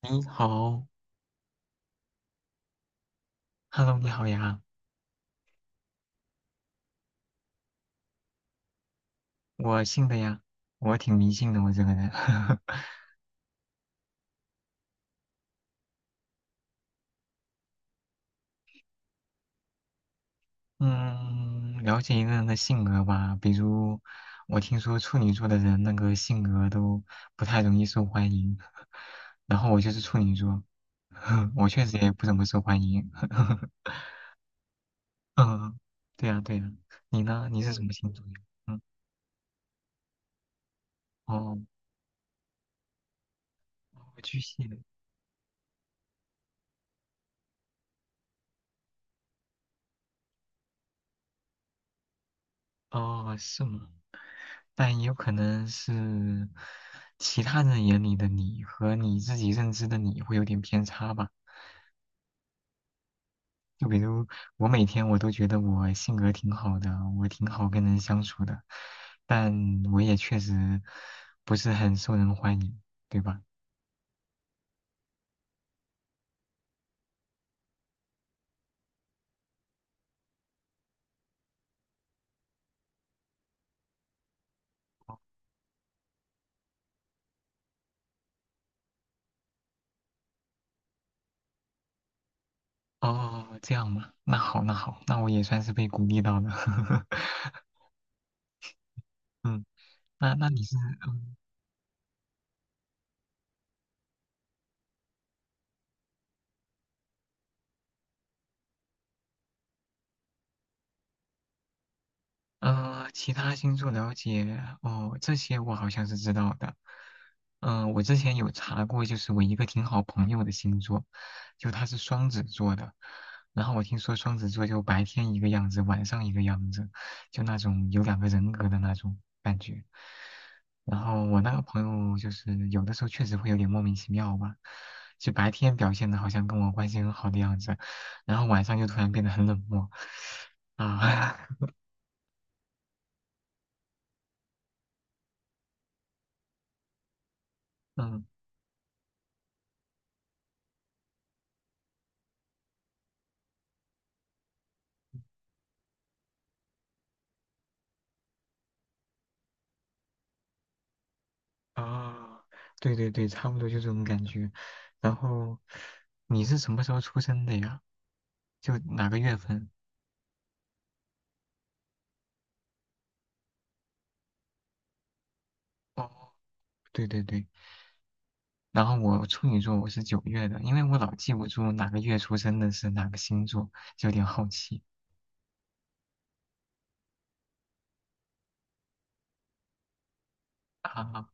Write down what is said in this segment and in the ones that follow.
你好，Hello，你好呀，我姓的呀，我挺迷信的，我这个人，嗯，了解一个人的性格吧，比如我听说处女座的人那个性格都不太容易受欢迎，然后我就是处女座，我确实也不怎么受欢迎，嗯，对呀对呀，你呢？你是什么星座呀？嗯，哦，我巨蟹的，哦，是吗？但也有可能是其他人眼里的你和你自己认知的你会有点偏差吧。就比如我每天我都觉得我性格挺好的，我挺好跟人相处的，但我也确实不是很受人欢迎，对吧？哦，这样嘛，那好，那好，那我也算是被鼓励到了。嗯，那你是嗯其他星座了解哦，这些我好像是知道的。嗯、我之前有查过，就是我一个挺好朋友的星座，就他是双子座的。然后我听说双子座就白天一个样子，晚上一个样子，就那种有两个人格的那种感觉。然后我那个朋友就是有的时候确实会有点莫名其妙吧，就白天表现的好像跟我关系很好的样子，然后晚上就突然变得很冷漠啊，嗯。啊，对对对，差不多就这种感觉。然后你是什么时候出生的呀？就哪个月份？哦，对对对。然后我处女座，我是九月的，因为我老记不住哪个月出生的是哪个星座，就有点好奇哈哈。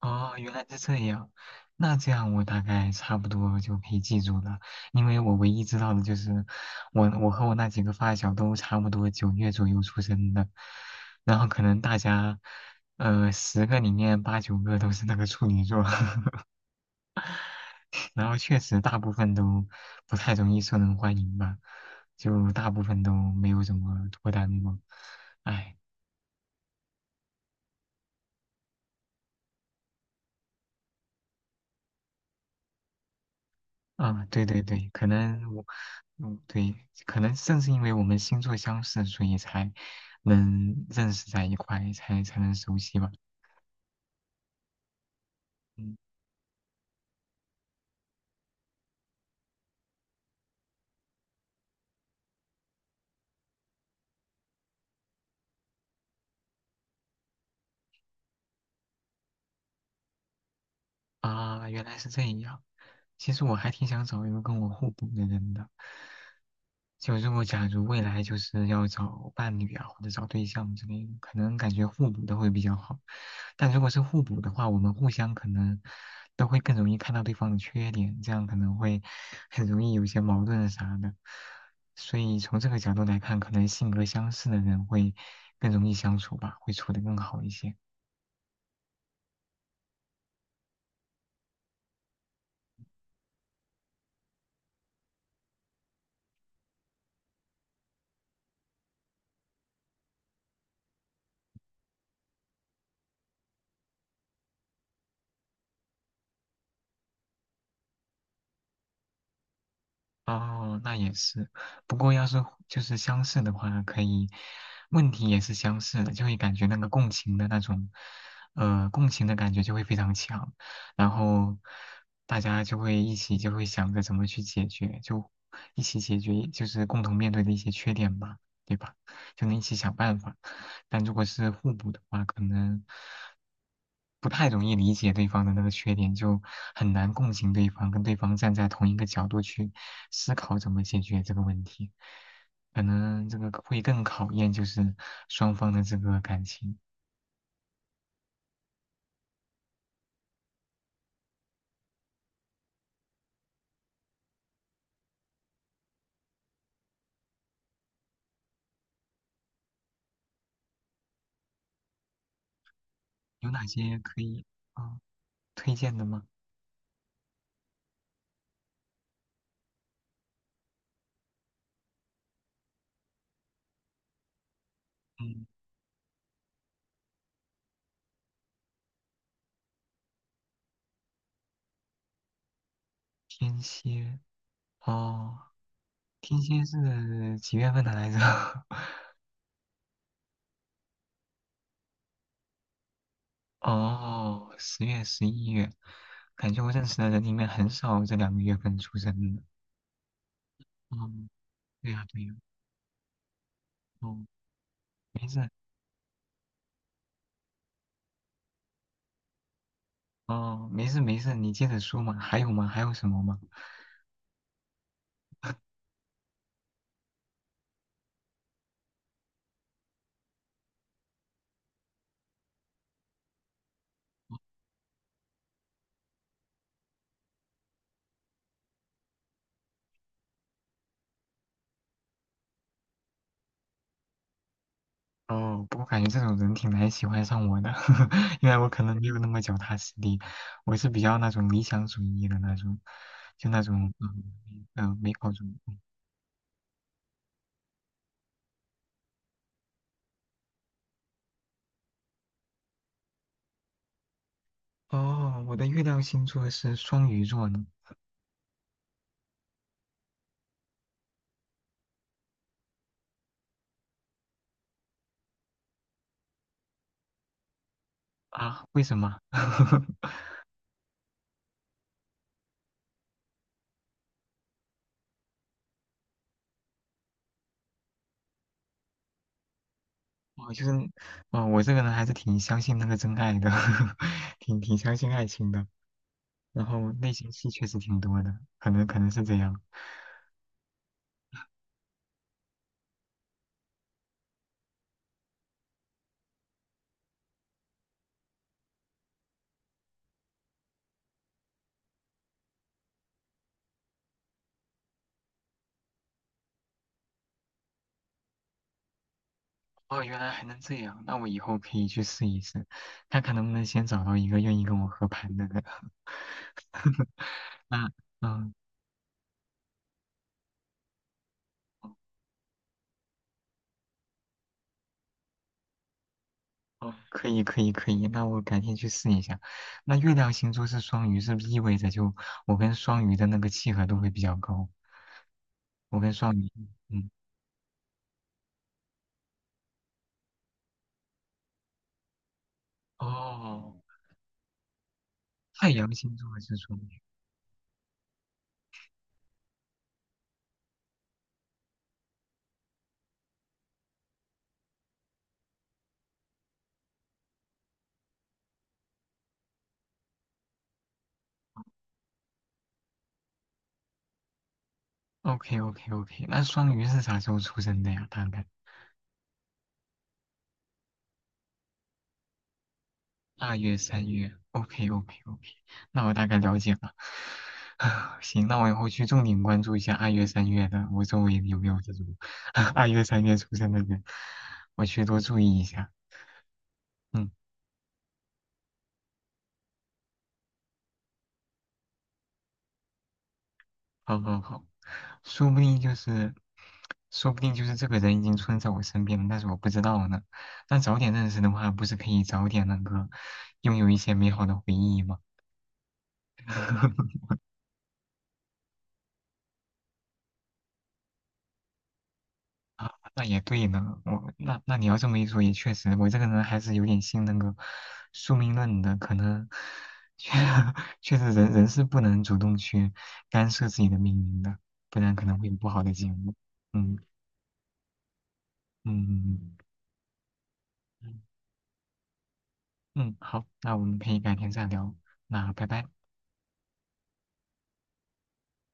哦，原来是这样。那这样我大概差不多就可以记住了，因为我唯一知道的就是我和我那几个发小都差不多九月左右出生的，然后可能大家十个里面八九个都是那个处女座，然后确实大部分都不太容易受人欢迎吧，就大部分都没有怎么脱单过。唉，啊，对对对，可能我。嗯，对，可能正是因为我们星座相似，所以才能认识在一块，才能熟悉吧。嗯。啊，原来是这样。其实我还挺想找一个跟我互补的人的。就如果假如未来就是要找伴侣啊，或者找对象之类的，可能感觉互补的会比较好。但如果是互补的话，我们互相可能都会更容易看到对方的缺点，这样可能会很容易有一些矛盾啥的。所以从这个角度来看，可能性格相似的人会更容易相处吧，会处的更好一些。哦，那也是。不过要是就是相似的话，可以，问题也是相似的，就会感觉那个共情的那种，共情的感觉就会非常强，然后大家就会一起就会想着怎么去解决，就一起解决，就是共同面对的一些缺点吧，对吧？就能一起想办法。但如果是互补的话，可能不太容易理解对方的那个缺点，就很难共情对方，跟对方站在同一个角度去思考怎么解决这个问题，可能这个会更考验就是双方的这个感情。有哪些可以啊、推荐的吗？嗯，天蝎哦，天蝎是几月份的来着？哦，十月、十一月，感觉我认识的人里面很少这两个月份出生的。哦，对呀、对呀、哦，没事，哦，没事没事，你接着说嘛。还有吗？还有什么吗？哦，不过感觉这种人挺难喜欢上我的，因为我可能没有那么脚踏实地，我是比较那种理想主义的那种，就那种美好主义。哦，我的月亮星座是双鱼座呢。啊，为什么？我就是，哦，我这个人还是挺相信那个真爱的，挺相信爱情的。然后内心戏确实挺多的，可能是这样。哦，原来还能这样，那我以后可以去试一试，看看能不能先找到一个愿意跟我合盘的人。那，嗯，哦，可以可以可以，那我改天去试一下。那月亮星座是双鱼，是不是意味着就我跟双鱼的那个契合度会比较高？我跟双鱼，嗯，嗯哦。太阳星座是双鱼。OK OK OK,那双鱼是啥时候出生的呀？大概二月、三月。OK OK OK,那我大概了解了。行，那我以后去重点关注一下二月、三月的，我周围有没有这种 二月、三月出生的人，我去多注意一下。嗯，好好好，说不定就是，说不定就是这个人已经出生在我身边了，但是我不知道呢。那早点认识的话，不是可以早点那个拥有一些美好的回忆吗？啊，那也对呢，我那你要这么一说，也确实，我这个人还是有点信那个宿命论的，可能确 确实人是不能主动去干涉自己的命运的，不然可能会有不好的结果。嗯嗯嗯嗯，嗯。好，那我们可以改天再聊，那拜拜。